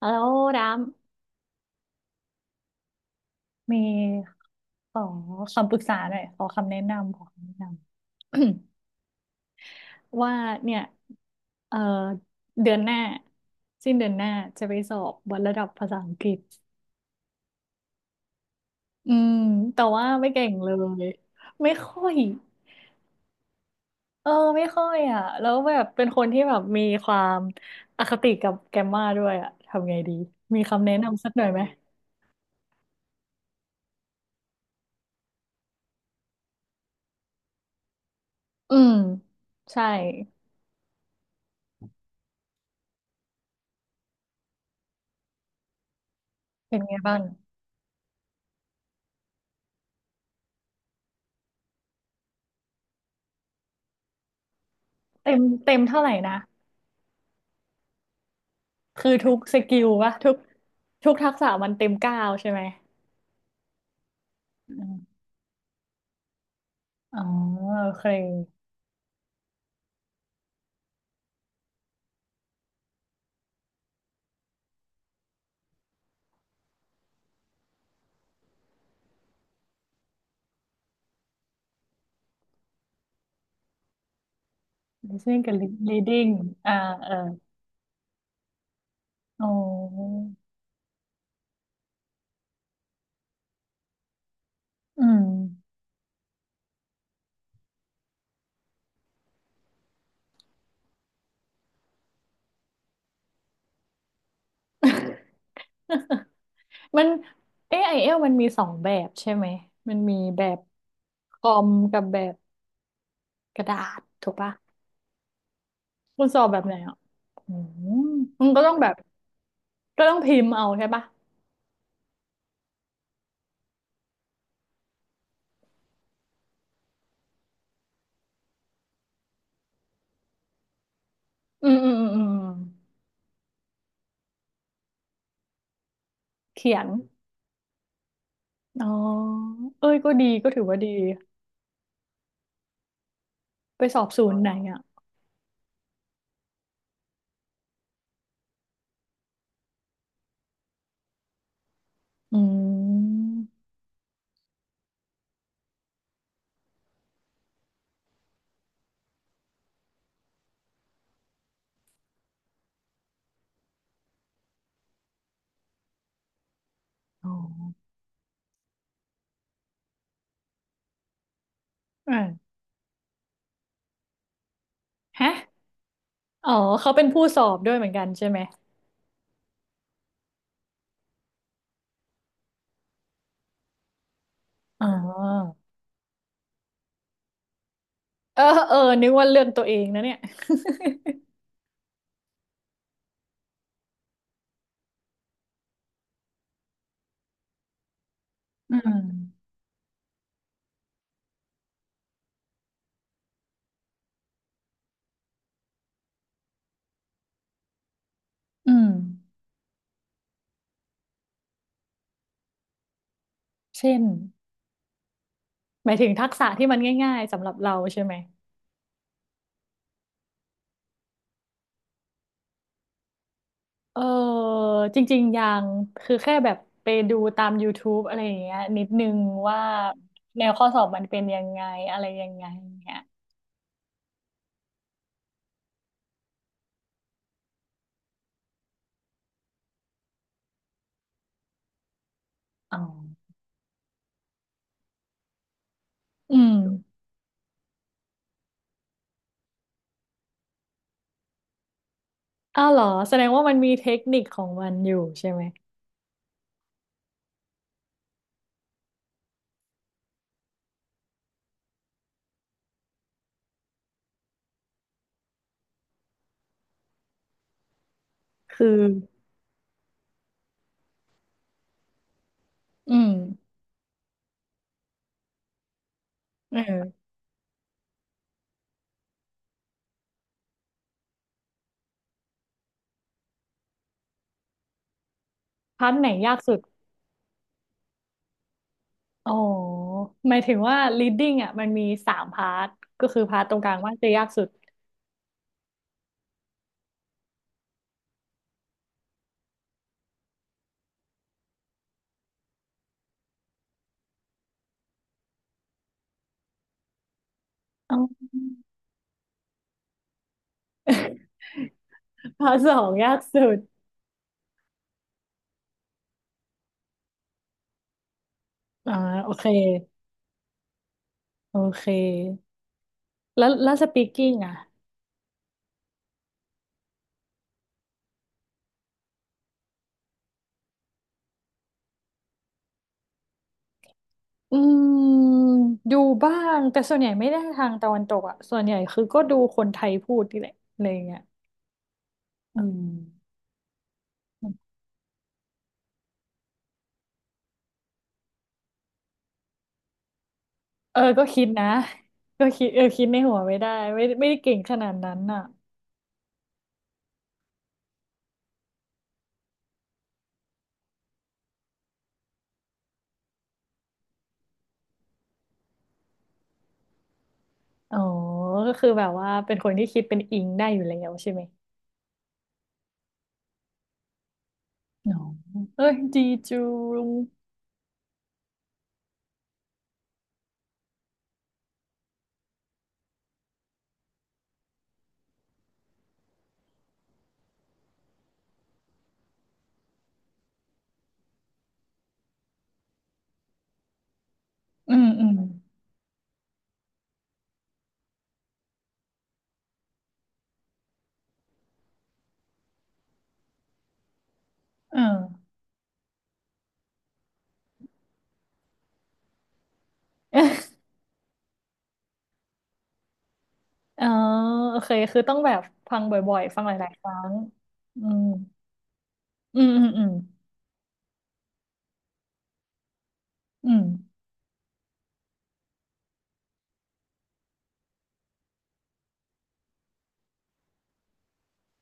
แล้วดามมีขอคำปรึกษาหน่อยขอคำแนะนำขอคำแนะนำ ว่าเนี่ยเอ่อเดือนหน้าสิ้นเดือนหน้าจะไปสอบวัดระดับภาษาอังกฤษอืมแต่ว่าไม่เก่งเลยไม่ค่อยเออไม่ค่อยอ่ะแล้วแบบเป็นคนที่แบบมีความอคติกับแกรมมาด้วยอ่ะทำไงดีมีคำแนะนำสักหน่อยไหมอืมใช่เป็นไงบ้างเต็มเต็มเท่าไหร่นะ คือทุกสกิลวะทุกทุกทักษะมันเต็ม 9ใช่ไหมอืมอ๋อ โอเค listening กับ reading อ่าเอออ๋ออืม มัน AIL มันมีสองแบบใช่ไหมมันมีแบบคอมกับแบบกระดาษถูกปะคุณสอบแบบไหนอ่ะอืมมันก็ต้องแบบก็ต้องพิมพ์เอาใช่ปะอืมอืมอืมอืมเขียน อ๋อ เอ้ย ก็ดี ก็ถือว่าดี ไปสอบศูนย์ไหนอ่ะ อืมอ๋ออ่าฮะ อ๋อ เขาเป็นผู้สอบด้วยเหมือนกันใช่ไหม อ๋อเออเออนึกว่าเรื่องตัวเองนะเนี่ยอืมอืม เช่น หมายถึงทักษะที่มันง่ายๆสำหรับเราใช่ไหมเออจริงๆยัง คือแค่แบบไปดูตาม YouTube อะไรอย่างเงี้ยนิดนึงว่าแนวข้อสอบมันเป็นยังไงอะไรยังไงอย่างเงี้ยอ๋ออืมอ้าวเหรอแสดงว่ามันมีเทคนิคของมันอยู่ใช่ไหมคือ อืมเออพาร์ทไหนยากสุดอ๋อหมายถึงว่า leading อ่ะมันมีสามพาร์ทก็คือพาร์ทตรงกลางว่าจะยากสุดอ๋อ พาร์ทสองยากสุดอ่าโอเคโอเคแล้วแล้ว speaking อ่ะอืมดูบ้างแต่ส่วนใหญ่ไม่ได้ทางตะวันตกอ่ะส่วนใหญ่คือก็ดูคนไทยพูดนี่แหละอะไรอย่างเงี้ยอืมเออก็คิดนะก็คิดเออคิดในหัวไม่ได้ไม่ได้เก่งขนาดนั้นอ่ะ อ๋อก็คือแบบว่าเป็นคนที่คิดเป็นอิงได้อยู่แล้วใช่ไหมอ๋อเอ้ยดีจูงอืมอืมเอออ๋อโอเคคือต้องแบบฟังบ่อยๆฟังหลายๆครั้งอืมอืมอืมอืมอืม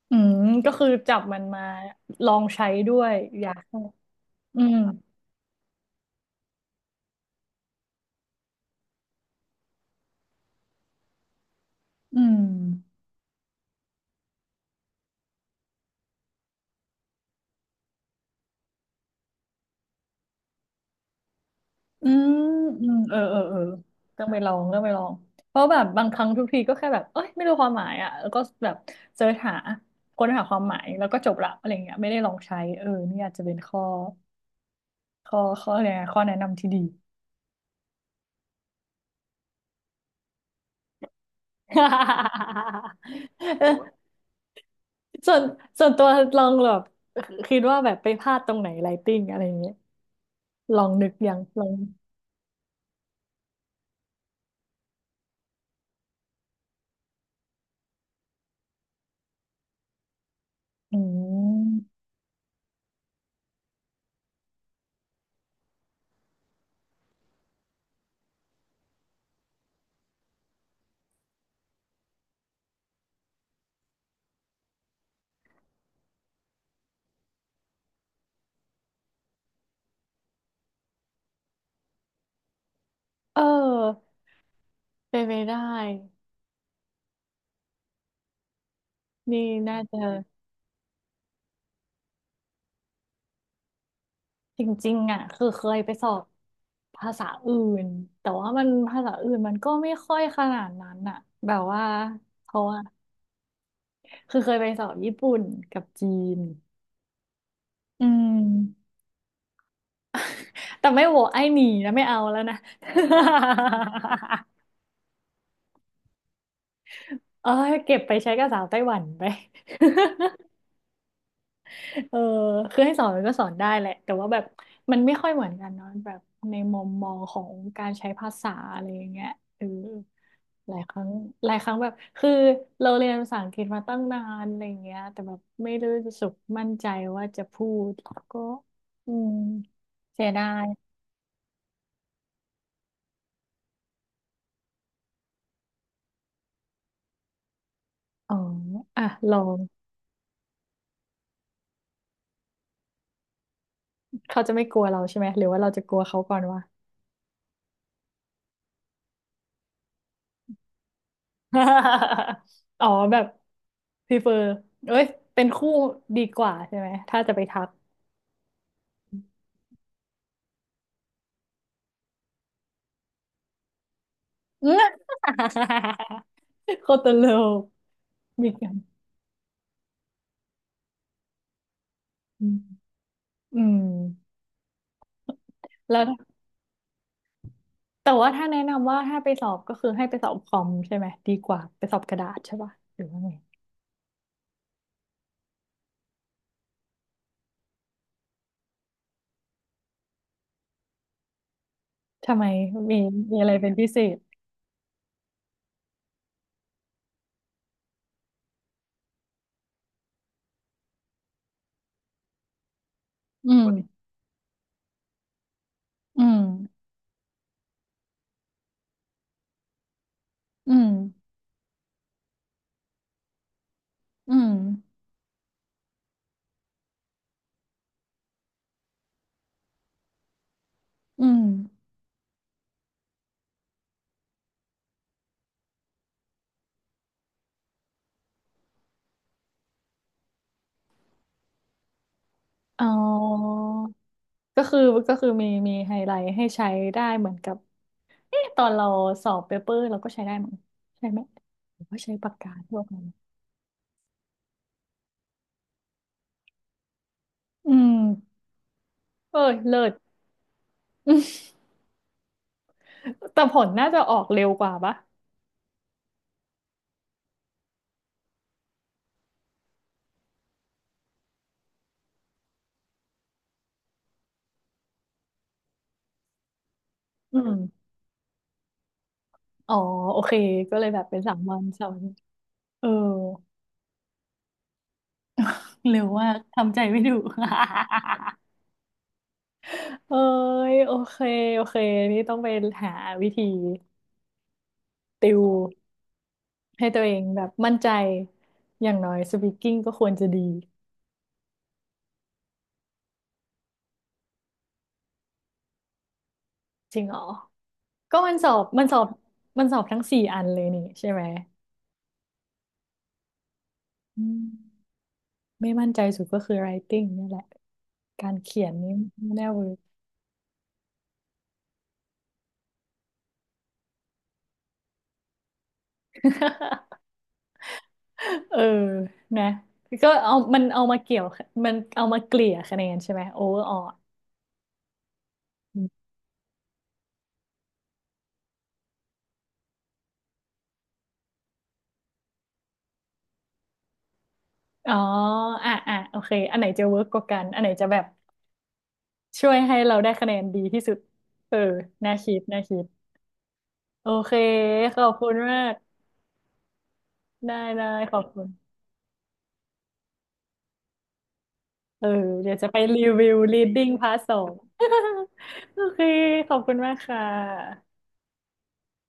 อืมก็คือจับมันมาลองใช้ด้วยอยากให้อืมอืม อืมอืมเออเออเออต้องไปลองต้องไปลองเพราะแบบบางครั้งทุกทีก็แค่แบบเอ้ยไม่รู้ความหมายอ่ะแล้วก็แบบเสิร์ชหาค้นหาความหมายแล้วก็จบละอะไรเงี้ยไม่ได้ลองใช้เออนี่อาจจะเป็นข้อข้ออะไรนะข้อแนะนำที่ดี เออส่วนส่วนตัวลองแบบคิดว่าแบบไปพลาดตรงไหนไลติ้งอะไรเงี้ยลองนึกยังลองอืมเออเป็นไปได้นี่น่าจะ จริงๆอ่ะคือเคยไปสอบภาษาอื่นแต่ว่ามันภาษาอื่นมันก็ไม่ค่อยขนาดนั้นอ่ะแบบว่าเพราะว่าคือเคยไปสอบญี่ปุ่นกับจีนอืมแต่ไม่โหวตไอ้หนีนะไม่เอาแล้วนะ เออเก็บไปใช้กับสาวไต้หวันไป เออคือให้สอนมันก็สอนได้แหละแต่ว่าแบบมันไม่ค่อยเหมือนกันเนาะแบบในมุมมองของการใช้ภาษาอะไรอย่างเงี้ยเออหลายครั้งหลายครั้งแบบคือเราเรียนภาษาอังกฤษมาตั้งนานอะไรอย่างเงี้ยแต่แบบไม่ได้รู้สึกมั่นใจว่าจะพูดก็อืมเสียดายอ๋ออ่ะลองเขาจะไม่กลัวเราใช่ไหม หรือว่าเราจะกลัวเขาก่อนวะ อ๋อแบบพรีเฟอร์เอ้ยเป็นคู่ดีกว่าใช่ไหมถ้าจะไปทัก เอ้ยโคตรโลกมีกันอืมอืมแล้วแต่ว่าถ้าแนะนำว่าถ้าไปสอบก็คือให้ไปสอบคอมใช่ไหมดีกว่าไปสอบกระดาษใช่ป่ะหรือว่าไงทำไมมีมีอะไรเป็นพิเศษอืมอืมอืมอืมอืมอ๋อก็คือก็คือมีไฮไลท์ให้ใช้ได้เหมือนกับเอ๊ะตอนเราสอบเปเปอร์เราก็ใช้ได้มั้งใช่ไหมหรือว่าใช้ปากกาทั่วไปอืมเอ้ยเลิศ แต่ผลน่าจะออกเร็วกว่าปะอืมอ๋อ โอเค ก็เลยแบบเป็นสามวันสามวันเออ เร็วมากทำใจไม่ถูก เอ้ยโอเค โอเค นี่ต้องไปหาวิธีติวให้ตัวเองแบบมั่นใจ อย่างน้อยสปีกกิ้งก็ควรจะดี จริงเหรอก็มันสอบ มันสอบ มันสอบทั้งสี่อันเลยนี่ใช่ไหม อืม ไม่มั่นใจสุดก็คือ writing นี่แหละ การเขียนนี่ไม่น่าเวิร์ก เออนะ ก็เอามันเอามาเกี่ยวมันเอามาเกลี่ยคะแนนใช่ไหมโอเวอร์ออลอ๋ออ่ะอ่ะโอเคอันไหนจะเวิร์กกว่ากัน อันไหนจะแบบช่วยให้เราได้คะแนนดีที่สุด เออ น่าคิดน่าคิด โอเค ขอบคุณมาก ได้ได้ขอบคุณ เออ เดี๋ยวจะไปรีวิว reading part 2 โอเค ขอบคุณมากค่ะ